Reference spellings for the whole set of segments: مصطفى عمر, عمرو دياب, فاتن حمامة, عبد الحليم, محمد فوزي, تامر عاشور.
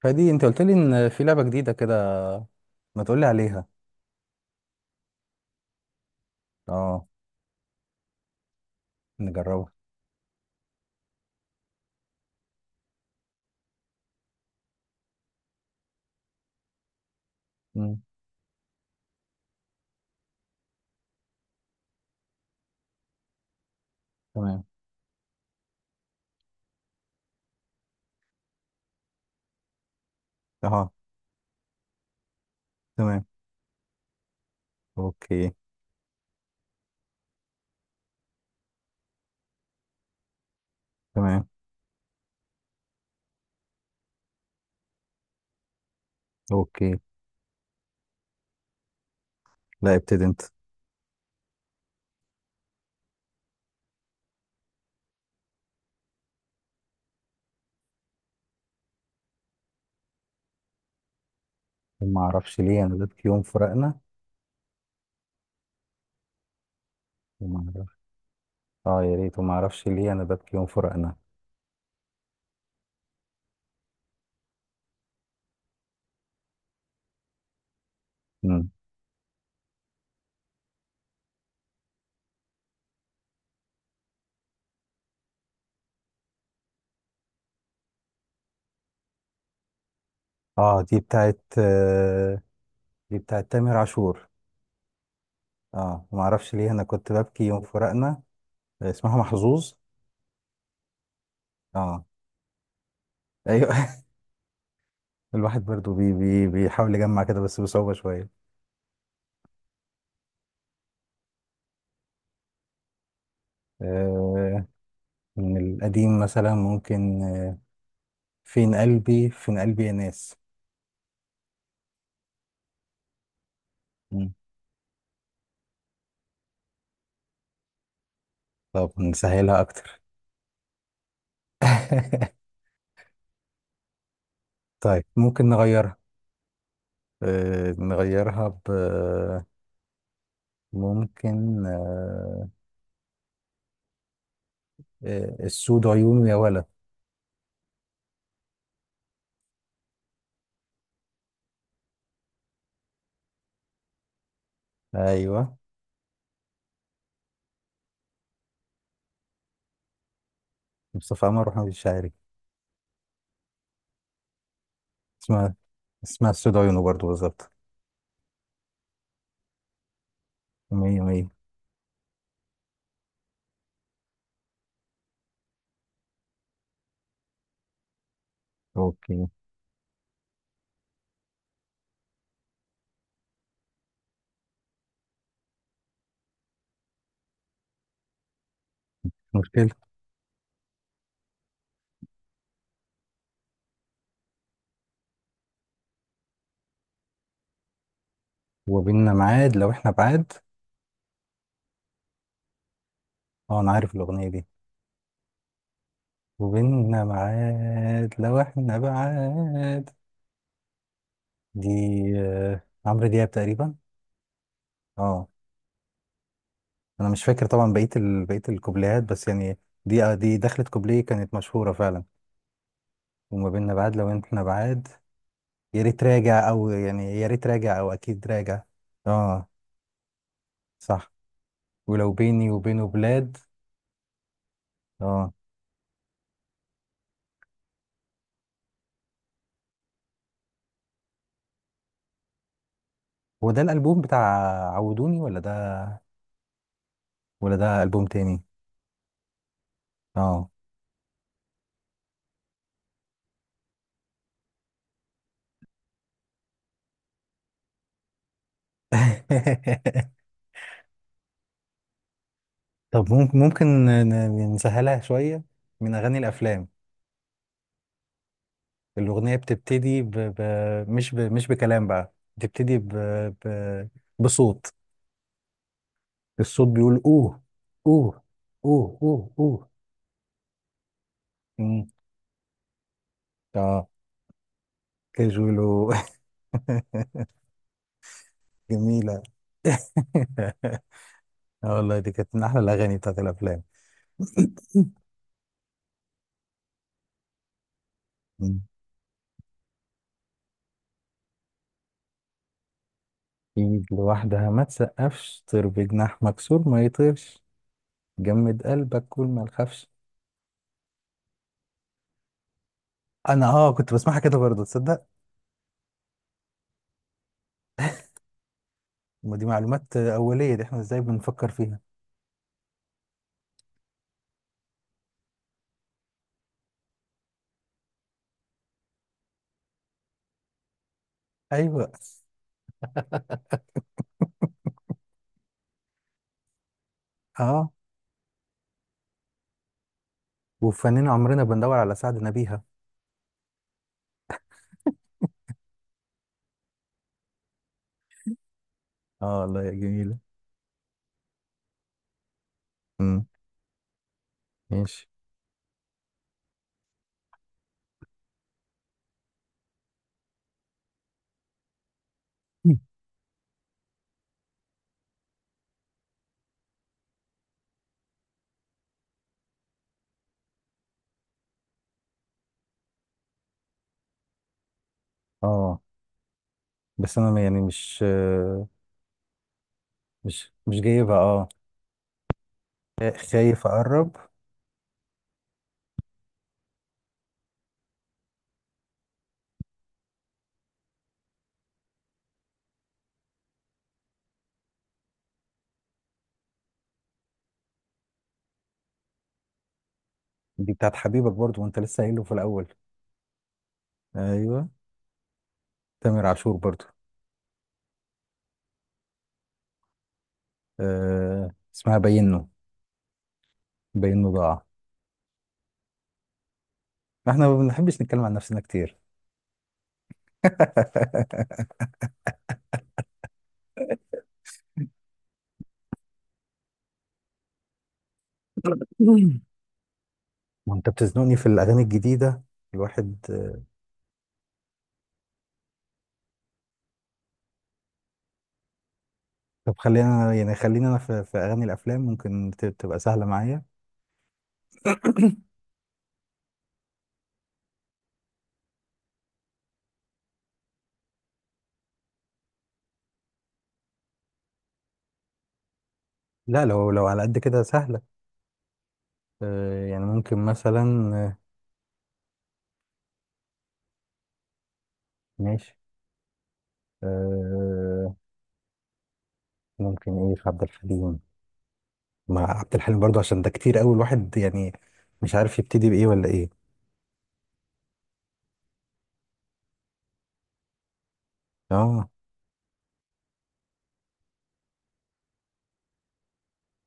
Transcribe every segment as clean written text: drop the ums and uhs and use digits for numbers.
فدي انت قلت لي ان في لعبة جديدة كده، ما تقول لي عليها. اه، نجربها. مم. تمام. اه. تمام. اوكي. تمام. اوكي. لا، ابتدي انت. وما اعرفش ليه انا ببكي يوم فراقنا. وما اعرفش. اه، يا ريت. وما اعرفش ليه انا ببكي يوم فراقنا. مم. اه، دي بتاعت دي بتاعت تامر عاشور. اه، وما اعرفش ليه انا كنت ببكي يوم فراقنا. اسمها محظوظ. اه. ايوه. الواحد برضو بي بي بيحاول يجمع كده بس بصعوبة شوية. آه من القديم مثلا ممكن، فين قلبي، فين قلبي يا ناس. مم. طب نسهلها أكتر. طيب ممكن نغيرها، نغيرها ب، ممكن، السود عيونه يا ولد. أيوه. مصطفى عمر وحمد الشاعري. اسمها، اسمها السود عيونه برضه بالظبط. مية مية. أوكي. مش مشكلة. وبيننا ميعاد لو إحنا بعاد. أه، أنا عارف الأغنية دي. وبيننا ميعاد لو إحنا بعاد. دي عمرو دياب تقريبا. اه. انا مش فاكر طبعا بقيه الكوبليهات بس يعني، دي دي دخلت كوبليه كانت مشهوره فعلا. وما بيننا بعاد لو احنا بعاد. يا ريت راجع او يعني يا ريت راجع او اكيد راجع. اه. صح. ولو بيني وبينه بلاد. اه. هو ده الالبوم بتاع عودوني، ولا ده، ولا ده البوم تاني؟ اه. طب ممكن، ممكن نسهلها شويه. من اغاني الافلام. الأغنية بتبتدي مش بكلام بقى، ب... بصوت. الصوت بيقول أوه، أوه، أوه أوه أوه. مم. اه، كاجولو. جميلة. اه والله دي كانت من أحلى الأغاني بتاعت الأفلام. مم. إيد لوحدها ما تسقفش، طير بجناح مكسور ما يطيرش، جمد قلبك كل ما تخافش. أنا اه كنت بسمعها كده برضه، تصدق؟ ما دي معلومات أولية دي، احنا ازاي بنفكر فيها؟ أيوه. اه، وفنان عمرنا بندور على سعد نبيها. اه الله، يا جميلة. امم ماشي. مم. اه، بس انا يعني مش، مش جايبها اه. خايف اقرب. دي بتاعت حبيبك برضو، وانت لسه قايله في الاول. ايوه. تامر عاشور برضو. اسمها بينه. بينه ضاع. احنا ما بنحبش نتكلم عن نفسنا كتير. وانت بتزنقني في الاغاني الجديده، الواحد. طب خلينا يعني خلينا انا في اغاني الافلام ممكن تبقى سهله معايا. لا، لو لو على قد كده سهلة. يعني ممكن مثلا، آه، ماشي. آه، ممكن ايه في عبد الحليم. مع عبد الحليم برضو عشان ده كتير قوي الواحد يعني، مش عارف يبتدي بإيه ولا ايه. اه.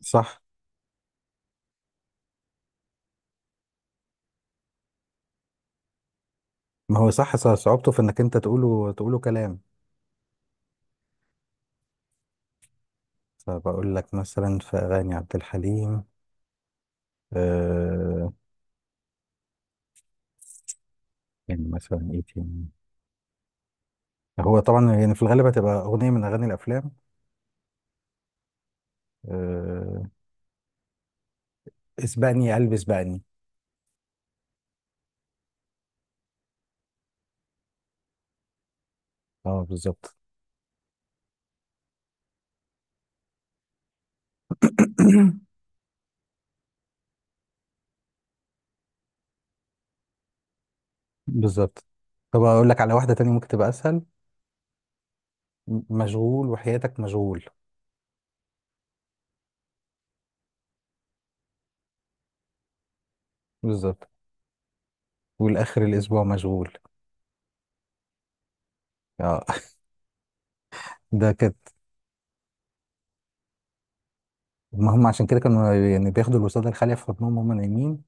صح. ما هو صح، صعوبته في انك انت تقوله كلام. فبقول لك مثلا في أغاني عبد الحليم، آه، يعني مثلا ايه تاني. هو طبعا يعني في الغالب هتبقى أغنية من أغاني الأفلام. آه، اسبقني يا قلبي اسبقني. اه بالظبط. بالظبط. طب اقول لك على واحده تانية ممكن تبقى اسهل. مشغول وحياتك مشغول. بالظبط. والاخر الاسبوع مشغول. اه. ده كده. ما هم عشان كده كانوا يعني بياخدوا الوساده الخاليه في حضنهم وهم نايمين،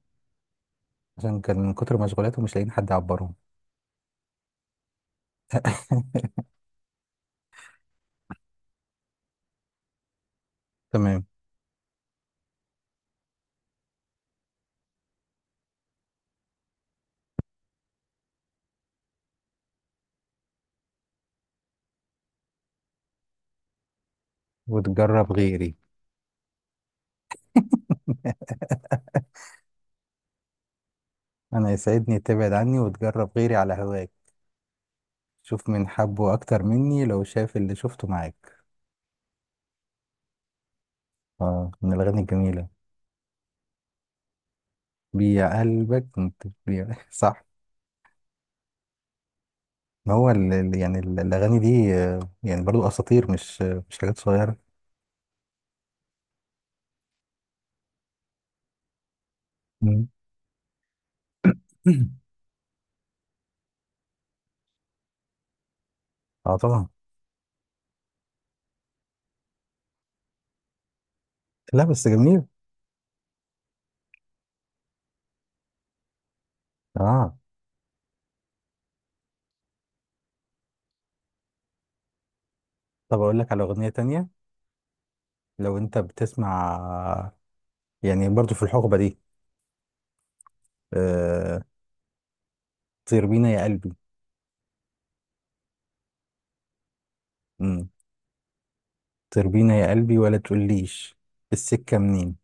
عشان كان من كتر مشغولاتهم مش لاقيين حد يعبرهم. تمام. وتجرب غيري. انا يسعدني تبعد عني وتجرب غيري على هواك، شوف من حبه اكتر مني لو شاف اللي شفته معاك. اه، من الاغاني الجميله. بيع قلبك انت بيع. صح. ما هو يعني الأغاني دي يعني برضو أساطير، مش مش حاجات صغيرة. مم. اه طبعا. لا، بس جميل. اه. طب أقول لك على أغنية تانية. لو أنت بتسمع، يعني برضو في الحقبة دي، آه، طير بينا يا قلبي. مم. طير بينا يا قلبي ولا تقوليش السكة منين،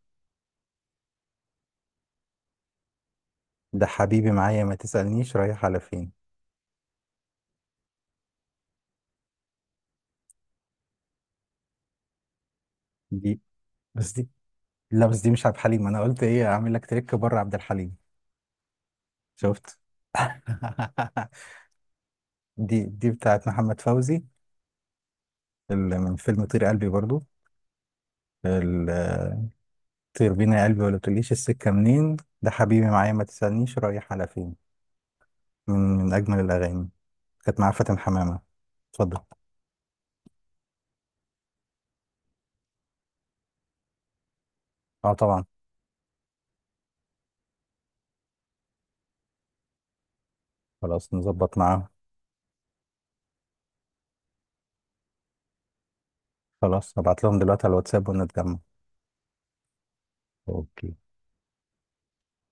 ده حبيبي معايا ما تسألنيش رايح على فين. دي دي، لا، بس دي مش عبد الحليم، أنا قلت إيه أعمل لك تريك بره عبد الحليم. شفت. دي بتاعت محمد فوزي. من فيلم طير قلبي برضو. ال- طير بينا يا قلبي ولا تقوليش السكة منين، ده حبيبي معايا ما تسألنيش رايح على فين. من من أجمل الأغاني. كانت مع فاتن حمامة. اتفضل. اه طبعا. خلاص نظبط معاهم. خلاص هبعت لهم دلوقتي على الواتساب ونتجمع. اوكي.